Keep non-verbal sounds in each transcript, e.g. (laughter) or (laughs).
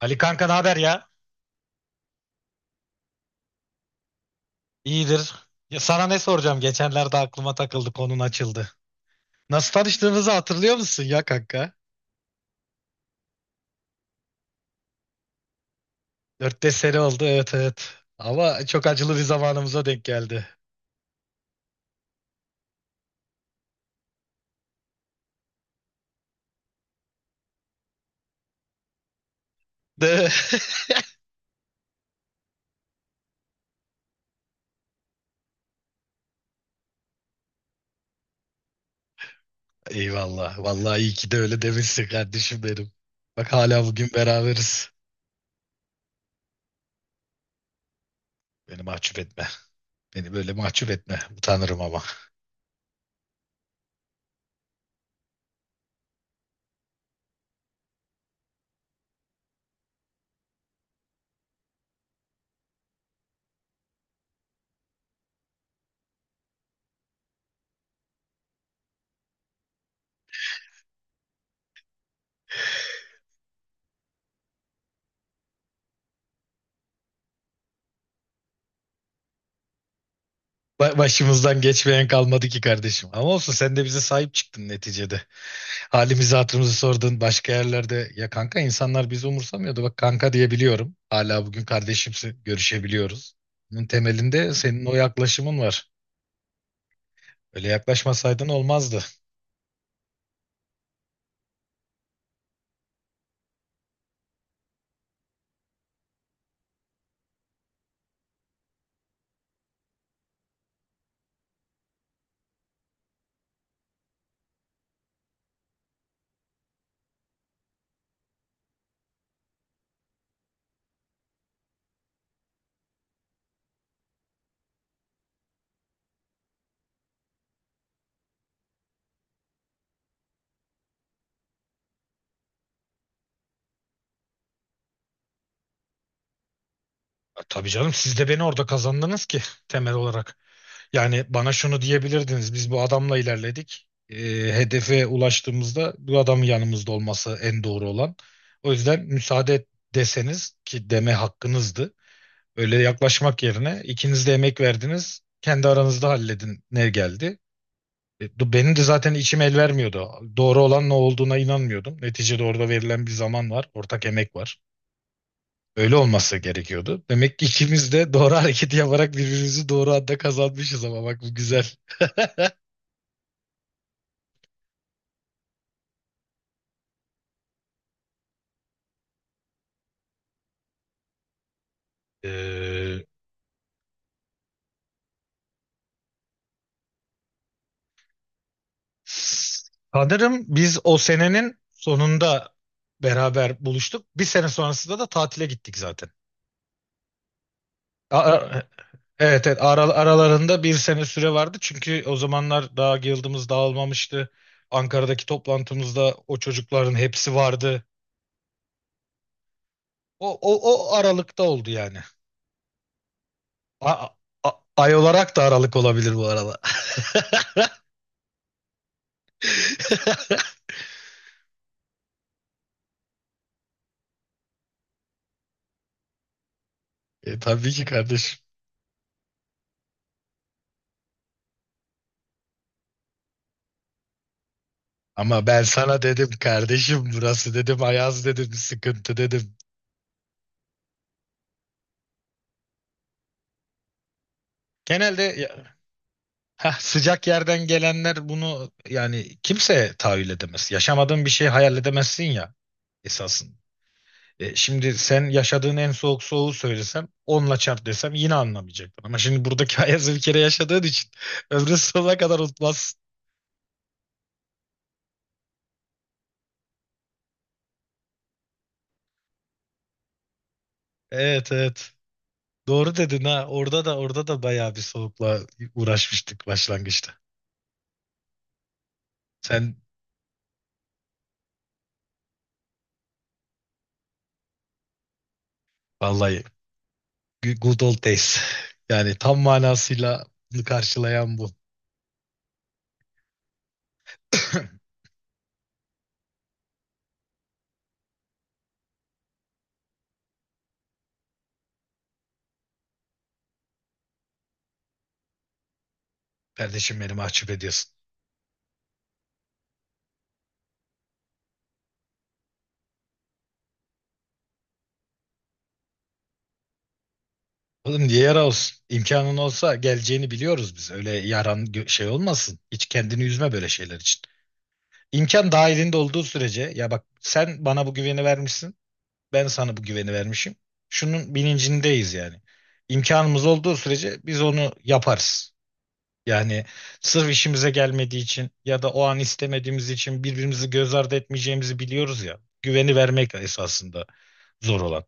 Ali kanka, ne haber ya? İyidir. Ya sana ne soracağım? Geçenlerde aklıma takıldı, konun açıldı. Nasıl tanıştığımızı hatırlıyor musun ya kanka? 4-5 sene oldu, evet, evet. Ama çok acılı bir zamanımıza denk geldi. De. (laughs) Eyvallah. Vallahi iyi ki de öyle demişsin kardeşim benim. Bak hala bugün beraberiz. Beni mahcup etme. Beni böyle mahcup etme. Utanırım ama. Başımızdan geçmeyen kalmadı ki kardeşim. Ama olsun, sen de bize sahip çıktın neticede. Halimizi hatırımızı sordun başka yerlerde. Ya kanka, insanlar bizi umursamıyordu. Bak, kanka diyebiliyorum. Hala bugün kardeşimsi görüşebiliyoruz. Bunun temelinde senin o yaklaşımın var. Öyle yaklaşmasaydın olmazdı. Tabii canım, siz de beni orada kazandınız ki, temel olarak. Yani bana şunu diyebilirdiniz: biz bu adamla ilerledik. Hedefe ulaştığımızda bu adamın yanımızda olması en doğru olan. O yüzden müsaade et deseniz ki, deme hakkınızdı. Öyle yaklaşmak yerine ikiniz de emek verdiniz. Kendi aranızda halledin ne geldi. Benim de zaten içim el vermiyordu. Doğru olan ne olduğuna inanmıyordum. Neticede orada verilen bir zaman var. Ortak emek var. Öyle olması gerekiyordu. Demek ki ikimiz de doğru (laughs) hareketi yaparak birbirimizi doğru anda kazanmışız. Ama bak, bu güzel. Ee, Sanırım biz o senenin sonunda beraber buluştuk. Bir sene sonrasında da tatile gittik zaten. Aa, evet, evet, aralarında bir sene süre vardı. Çünkü o zamanlar daha guildımız dağılmamıştı. Ankara'daki toplantımızda o çocukların hepsi vardı. O, o, o aralıkta oldu yani. A- a- ay olarak da aralık olabilir bu arada. (laughs) Tabii ki kardeşim. Ama ben sana dedim kardeşim, burası dedim, Ayaz dedim, sıkıntı dedim. Genelde ya- Sıcak yerden gelenler bunu, yani, kimse tahayyül edemez. Yaşamadığın bir şey hayal edemezsin ya esasında. Şimdi sen yaşadığın en soğuk soğuğu söylesem, onla çarp desem yine anlamayacaktın. Ama şimdi buradaki (laughs) ayazı bir kere yaşadığın için (laughs) ömrün sonuna kadar unutmazsın. Evet, evet. Doğru dedin ha. Orada da, orada da bayağı bir soğukla uğraşmıştık başlangıçta. Sen vallahi good old days. Yani tam manasıyla bunu karşılayan bu. (laughs) Kardeşim, beni mahcup ediyorsun. Oğlum, niye yara olsun? İmkanın olsa geleceğini biliyoruz biz. Öyle yaran şey olmasın. Hiç kendini üzme böyle şeyler için. İmkan dahilinde olduğu sürece, ya bak, sen bana bu güveni vermişsin. Ben sana bu güveni vermişim. Şunun bilincindeyiz yani. İmkanımız olduğu sürece biz onu yaparız. Yani sırf işimize gelmediği için ya da o an istemediğimiz için birbirimizi göz ardı etmeyeceğimizi biliyoruz ya. Güveni vermek esasında zor olan.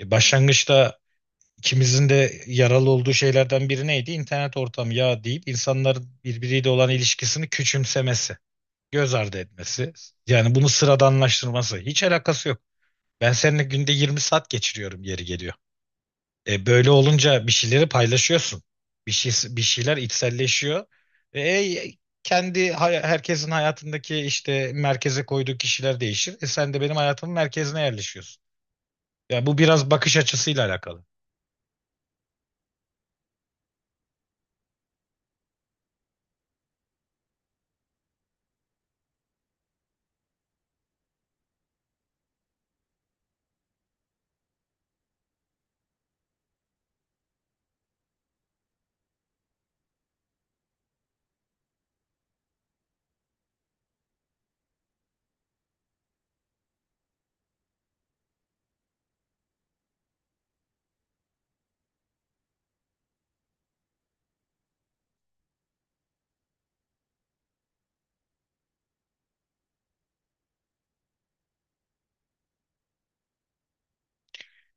Başlangıçta ikimizin de yaralı olduğu şeylerden biri neydi? İnternet ortamı ya deyip insanların birbiriyle olan ilişkisini küçümsemesi, göz ardı etmesi. Yani bunu sıradanlaştırması. Hiç alakası yok. Ben seninle günde 20 saat geçiriyorum yeri geliyor. Böyle olunca bir şeyleri paylaşıyorsun. Bir şeyler içselleşiyor. E, e, Herkesin hayatındaki, işte, merkeze koyduğu kişiler değişir. Sen de benim hayatımın merkezine yerleşiyorsun. Yani bu biraz bakış açısıyla alakalı.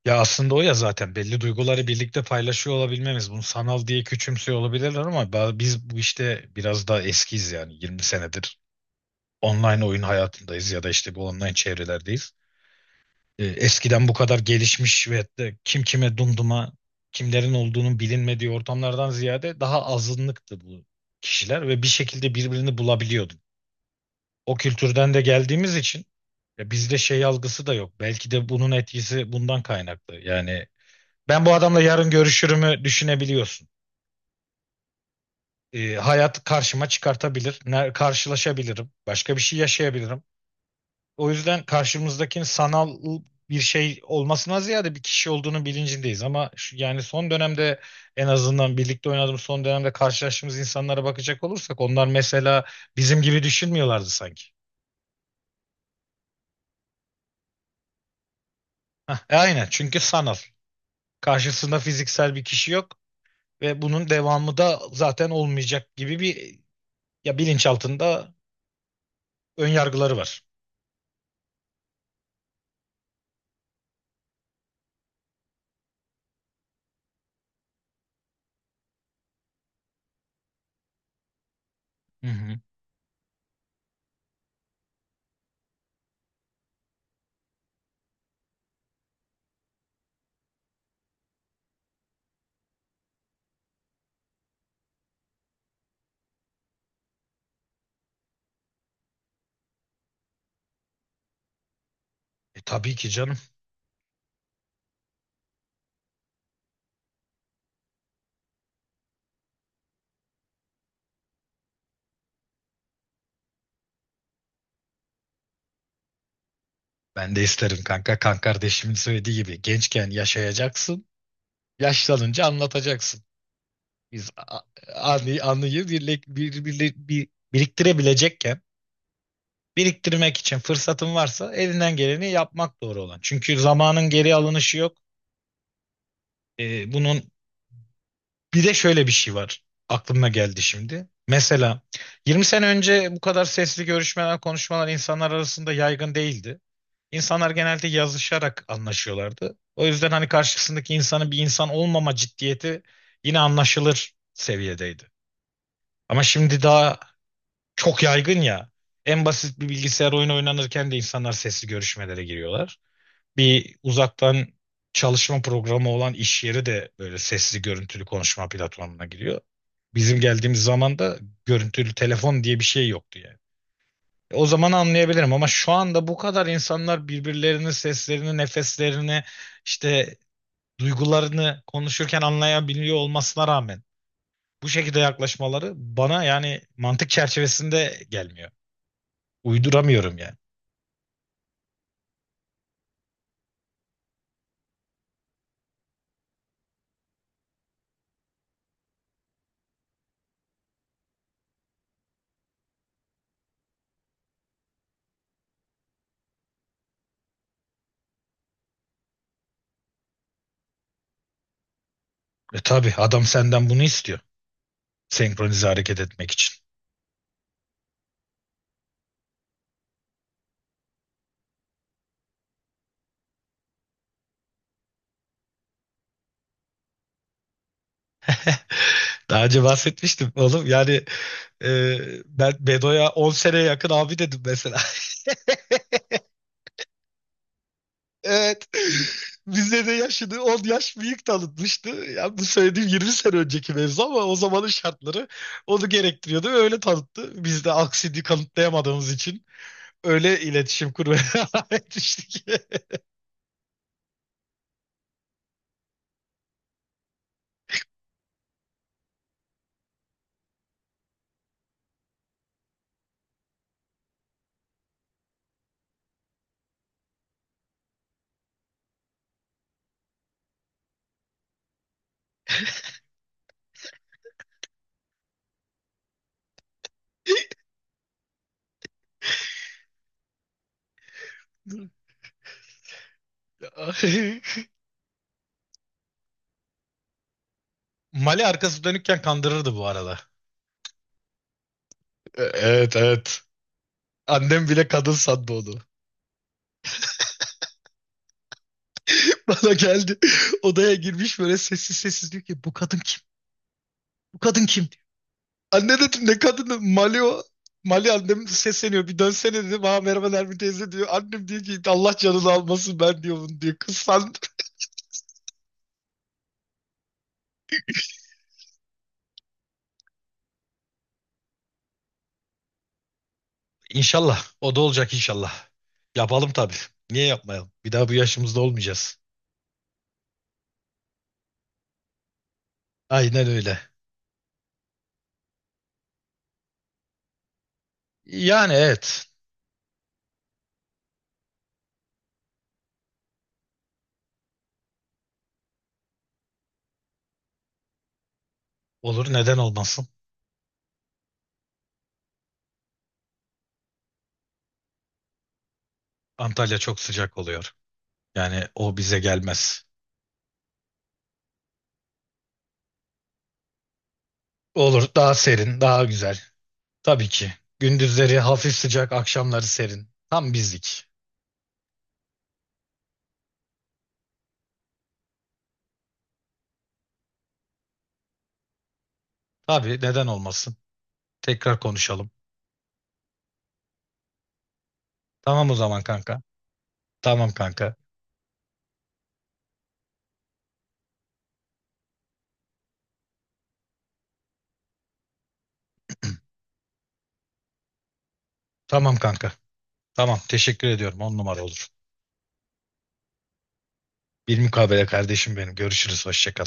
Ya aslında o, ya zaten belli duyguları birlikte paylaşıyor olabilmemiz. Bunu sanal diye küçümsüyor olabilirler ama biz bu işte biraz daha eskiyiz. Yani 20 senedir online oyun hayatındayız ya da işte bu online çevrelerdeyiz. Eskiden bu kadar gelişmiş ve hatta kim kime dumduma, kimlerin olduğunun bilinmediği ortamlardan ziyade daha azınlıktı bu kişiler ve bir şekilde birbirini bulabiliyordu. O kültürden de geldiğimiz için, ya, bizde şey algısı da yok. Belki de bunun etkisi bundan kaynaklı. Yani ben bu adamla yarın görüşürümü düşünebiliyorsun. Hayat karşıma çıkartabilir, karşılaşabilirim, başka bir şey yaşayabilirim. O yüzden karşımızdakinin sanal bir şey olmasına ziyade bir kişi olduğunu bilincindeyiz. Ama şu, yani, son dönemde, en azından birlikte oynadığımız son dönemde karşılaştığımız insanlara bakacak olursak, onlar mesela bizim gibi düşünmüyorlardı sanki. Hah, aynen, çünkü sanal. Karşısında fiziksel bir kişi yok ve bunun devamı da zaten olmayacak gibi bir, ya, bilinçaltında ön yargıları var. Hı hı. Tabii ki canım. Ben de isterim kanka. Kan kardeşimin söylediği gibi, gençken yaşayacaksın. Yaşlanınca anlatacaksın. Biz anıyı biriktirebilecekken, biriktirmek için fırsatın varsa elinden geleni yapmak doğru olan. Çünkü zamanın geri alınışı yok. Bunun bir de şöyle bir şey var. Aklıma geldi şimdi. Mesela 20 sene önce bu kadar sesli görüşmeler, konuşmalar insanlar arasında yaygın değildi. İnsanlar genelde yazışarak anlaşıyorlardı. O yüzden hani karşısındaki insanın bir insan olmama ciddiyeti yine anlaşılır seviyedeydi. Ama şimdi daha çok yaygın ya. En basit bir bilgisayar oyunu oynanırken de insanlar sesli görüşmelere giriyorlar. Bir uzaktan çalışma programı olan iş yeri de böyle sesli görüntülü konuşma platformuna giriyor. Bizim geldiğimiz zaman da görüntülü telefon diye bir şey yoktu yani. O zaman anlayabilirim ama şu anda bu kadar insanlar birbirlerinin seslerini, nefeslerini, işte duygularını konuşurken anlayabiliyor olmasına rağmen bu şekilde yaklaşmaları bana, yani, mantık çerçevesinde gelmiyor. Uyduramıyorum yani. Tabii, adam senden bunu istiyor. Senkronize hareket etmek için. Daha önce bahsetmiştim oğlum. Yani, e, ben Bedo'ya 10 seneye yakın abi dedim mesela. (laughs) Evet. Bizde de yaşını 10 yaş büyük tanıtmıştı. Yani bu söylediğim 20 sene önceki mevzu, ama o zamanın şartları onu gerektiriyordu ve öyle tanıttı. Biz de aksini kanıtlayamadığımız için öyle iletişim kurmaya (laughs) devam etmiştik. (laughs) Mali arkası dönükken kandırırdı bu arada. Evet, evet. Annem bile kadın sandı onu. (laughs) Bana geldi. Odaya girmiş böyle sessiz sessiz, diyor ki, bu kadın kim? Bu kadın kim? Anne, dedim, ne kadını? Mali o. Mali, annem sesleniyor, bir dönsene, dedim. Ha, merhaba Nermin teyze, diyor. Annem diyor ki, Allah canını almasın, ben diyor bunu, diyor. Kız sandı. İnşallah. O da olacak inşallah. Yapalım tabii. Niye yapmayalım? Bir daha bu yaşımızda olmayacağız. Aynen öyle. Yani, evet. Olur, neden olmasın? Antalya çok sıcak oluyor. Yani o bize gelmez. Olur, daha serin, daha güzel. Tabii ki. Gündüzleri hafif sıcak, akşamları serin. Tam bizlik. Tabii, neden olmasın? Tekrar konuşalım. Tamam o zaman kanka. Tamam kanka. Tamam kanka. Tamam, teşekkür ediyorum. On numara olur. Bir mukabele kardeşim benim. Görüşürüz. Hoşça kal.